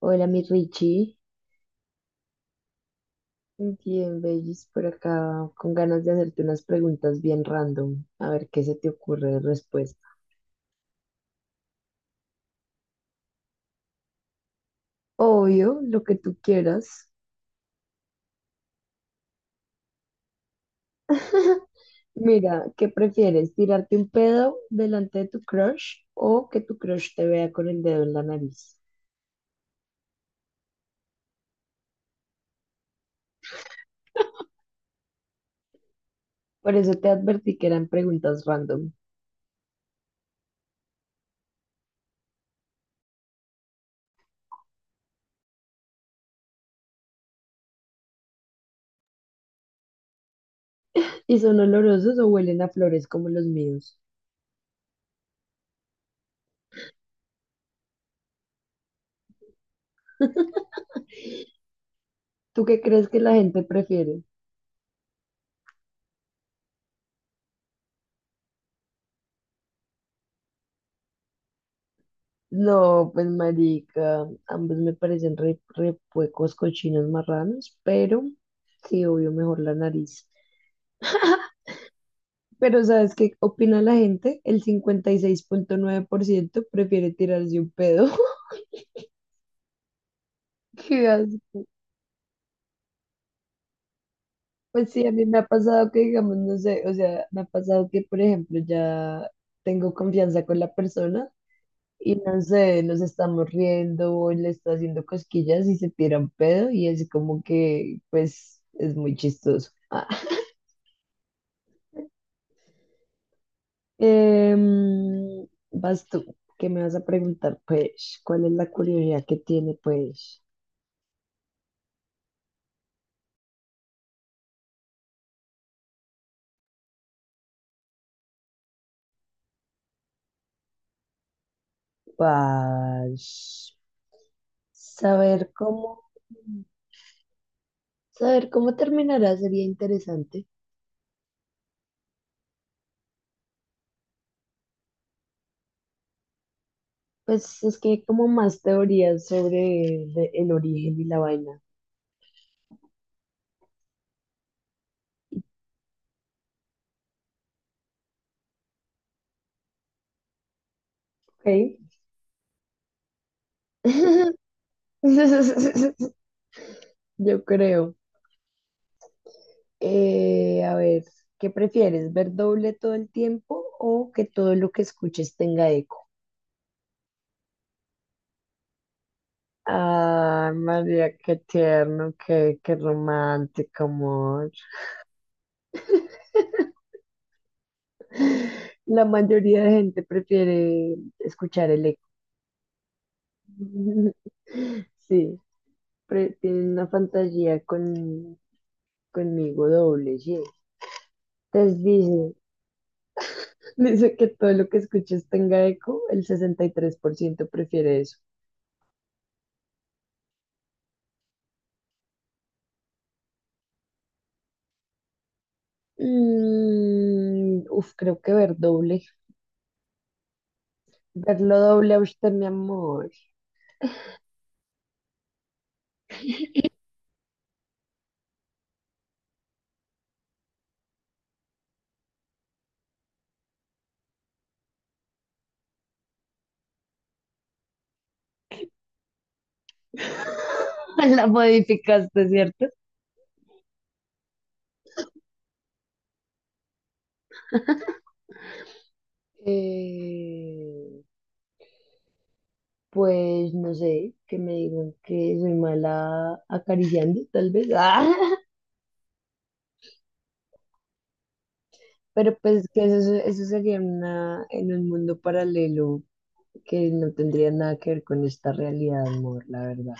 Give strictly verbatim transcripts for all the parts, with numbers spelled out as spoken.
Hola, mi Richie. Bien, Bellis, por acá, con ganas de hacerte unas preguntas bien random, a ver qué se te ocurre de respuesta. Obvio, lo que tú quieras. Mira, ¿qué prefieres? ¿Tirarte un pedo delante de tu crush o que tu crush te vea con el dedo en la nariz? Por eso te advertí que eran preguntas random. ¿Y son olorosos o huelen a flores como los míos? ¿Tú qué crees que la gente prefiere? No, pues marica, ambos me parecen re, re puecos, cochinos, marranos, pero sí, obvio, mejor la nariz. Pero ¿sabes qué opina la gente? El cincuenta y seis punto nueve por ciento prefiere tirarse un pedo. Qué asco. Pues sí, a mí me ha pasado que, digamos, no sé, o sea, me ha pasado que, por ejemplo, ya tengo confianza con la persona y no sé, nos estamos riendo o le está haciendo cosquillas y se tira un pedo y así como que, pues, es muy chistoso. Ah. Em, vas tú, ¿qué me vas a preguntar? Pues, ¿cuál es la curiosidad que tiene, pues, pues, saber cómo, saber cómo terminará sería interesante. Pues es que hay como más teorías sobre de- el origen y la vaina. Ok. Yo creo. Eh, a ver, ¿qué prefieres? ¿Ver doble todo el tiempo o que todo lo que escuches tenga eco? Ah, María, qué tierno, qué, qué romántico, amor. La mayoría de gente prefiere escuchar el eco. Sí, pre- tienen una fantasía con, conmigo doble G. Entonces dice, dice que todo lo que escuches tenga eco, el sesenta y tres por ciento prefiere eso. Mm, uf, creo que ver doble. Verlo doble a usted, mi amor. La modificaste, ¿cierto? Eh, pues no sé, que me digan que soy mala acariciando, tal vez. Pero pues que eso, eso sería una, en un mundo paralelo que no tendría nada que ver con esta realidad, amor, la verdad.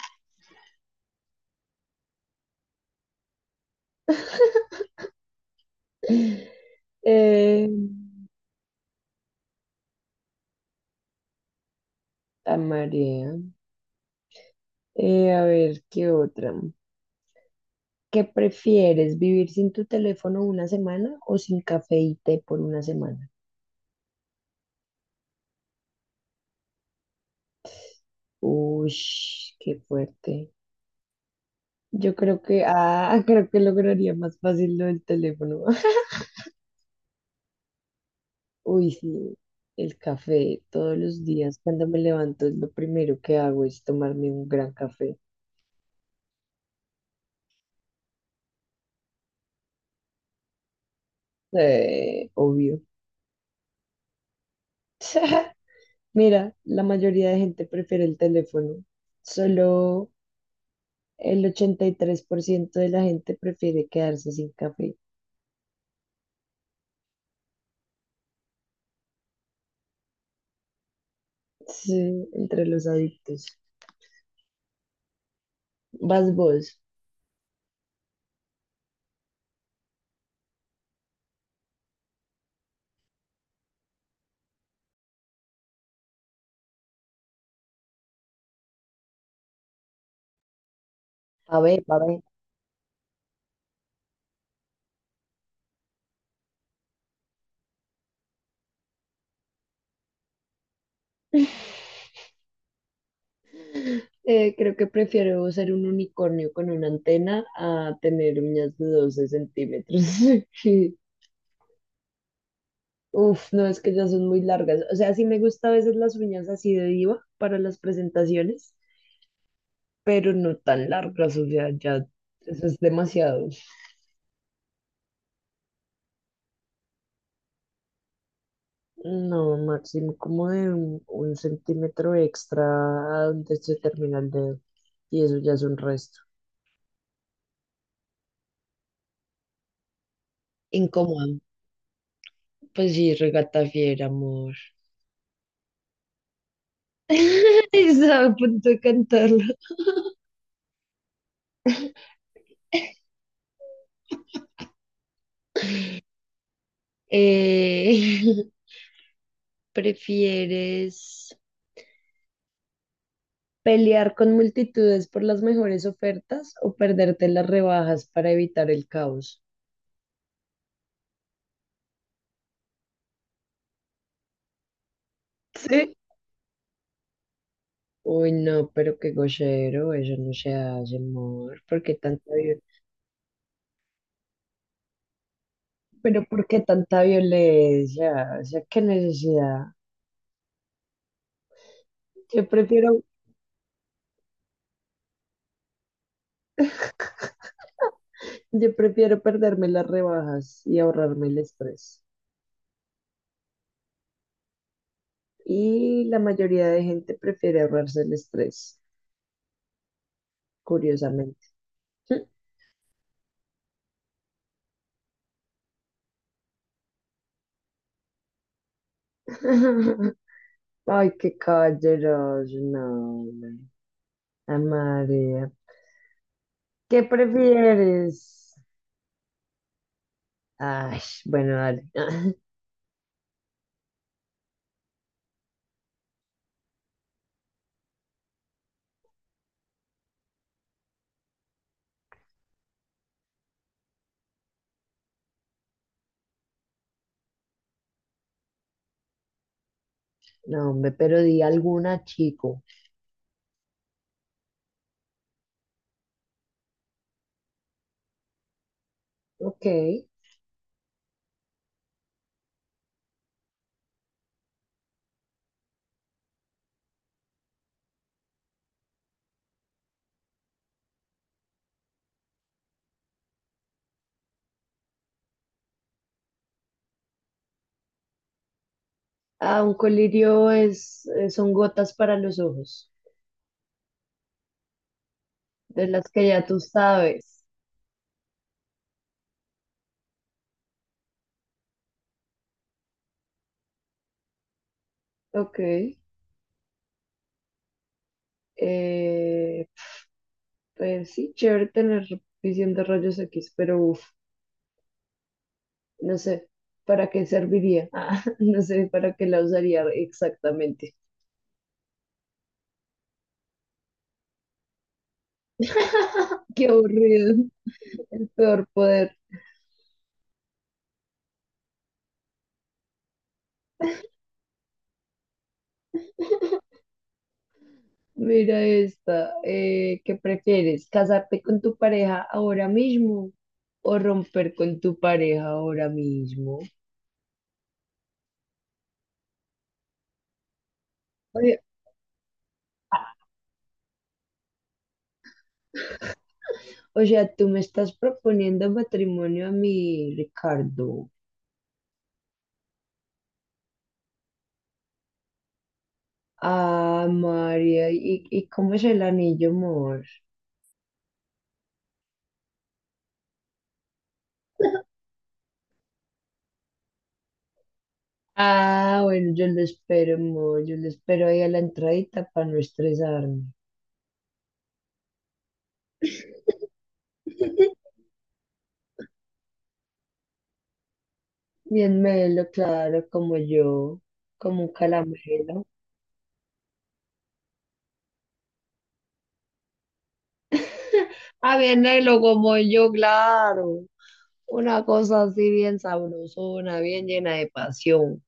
Eh, a María. Eh, a ver, ¿qué otra? ¿Qué prefieres, vivir sin tu teléfono una semana o sin café y té por una semana? Uy, qué fuerte. Yo creo que, ah, creo que lograría más fácil lo del teléfono. Uy, sí, el café todos los días cuando me levanto lo primero que hago es tomarme un gran café. Eh, obvio. Mira, la mayoría de gente prefiere el teléfono. Solo el ochenta y tres por ciento de la gente prefiere quedarse sin café. Sí, entre los adictos. Vas vos. A ver, a ver. Eh, creo que prefiero ser un unicornio con una antena a tener uñas de doce centímetros. Uf, no, es que ya son muy largas. O sea, sí me gusta a veces las uñas así de diva para las presentaciones, pero no tan largas, o sea, ya eso es demasiado. No, máximo como de un, un centímetro extra a donde se termina el dedo. Y eso ya es un resto. Incómodo. Pues sí, regata fiera, amor. Estaba a punto de cantarlo. Eh, ¿prefieres pelear con multitudes por las mejores ofertas o perderte las rebajas para evitar el caos? Sí, uy, no, pero qué gochero, eso no se hace, amor. ¿Por qué tanta violencia? Pero ¿por qué tanta violencia? O sea, qué necesidad. Yo prefiero, yo prefiero perderme las rebajas y ahorrarme el estrés. Y la mayoría de gente prefiere ahorrarse el estrés, curiosamente. Ay, qué calleros, no. No. Ah, María. ¿Qué prefieres? Ay, bueno, dale. No, hombre, pero di alguna, chico. Ok. Ah, un colirio es, eh, son gotas para los ojos, de las que ya tú sabes. Ok. Eh, pues sí, chévere tener suficientes rayos X, pero uf, no sé, ¿para qué serviría? Ah, no sé, ¿para qué la usaría exactamente? Qué aburrido, el peor poder. Mira esta, eh, ¿qué prefieres? ¿Casarte con tu pareja ahora mismo o romper con tu pareja ahora mismo? Oye, o sea, tú me estás proponiendo matrimonio a mí, Ricardo. Ah, María, ¿y, y cómo es el anillo, amor? Ah, bueno, yo lo espero, amor. Yo lo espero ahí a la entradita para no estresarme. Bien melo, claro, como yo, como un calamero. A venderlo como yo, claro. Una cosa así bien sabrosona, bien llena de pasión.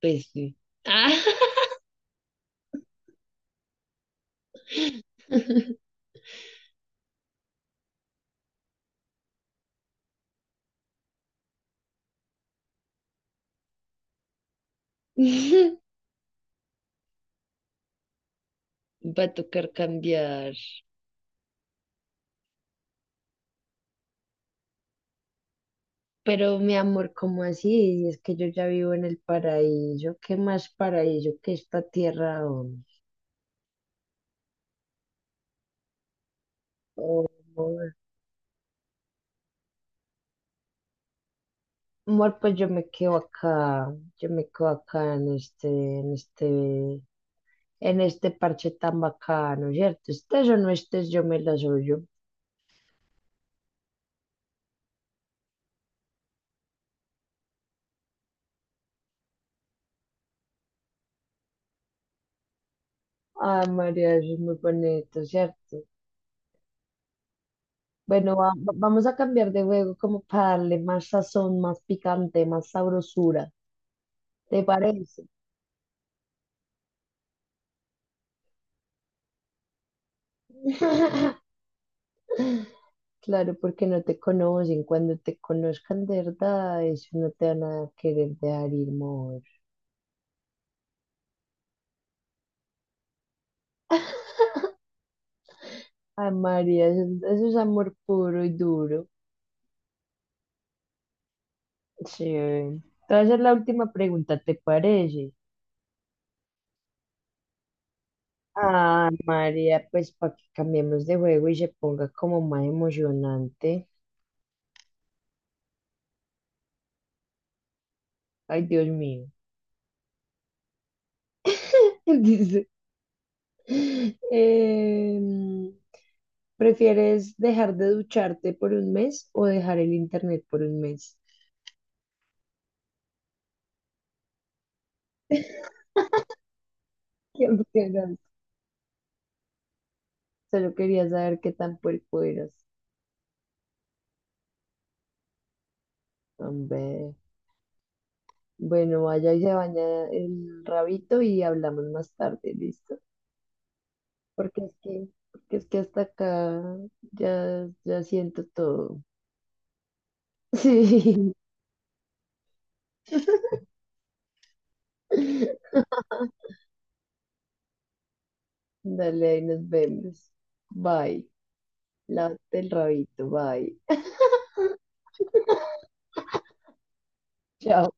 Pues sí. Ah. Va a tocar cambiar. Pero mi amor, ¿cómo así? Si es que yo ya vivo en el paraíso. ¿Qué más paraíso que esta tierra, hombre? Oh, amor, amor, pues yo me quedo acá. Yo me quedo acá en este, en este en este parche tan bacano, ¿cierto? Estés o no estés, yo me las oyo. Ay, María, eso es muy bonito, ¿cierto? Bueno, va- va- vamos a cambiar de juego como para darle más sazón, más picante, más sabrosura. ¿Te parece? Claro, porque no te conocen. Cuando te conozcan de verdad, eso no te van a querer dejar ir, amor. Ay, María, eso, eso es amor puro y duro. Sí. Te voy a hacer la última pregunta, ¿te parece? Ah, María, pues para que cambiemos de juego y se ponga como más emocionante. Ay, Dios mío. Dice, em, ¿prefieres dejar de ducharte por un mes o dejar el internet por un mes? ¿Qué prefieres? Solo quería saber qué tan puerco eras. Hombre. Bueno, vaya y se baña el rabito y hablamos más tarde, ¿listo? Porque es que, porque es que hasta acá ya, ya siento todo. Sí. Dale, ahí nos vemos. Bye. Lávate el rabito. Bye. Chao.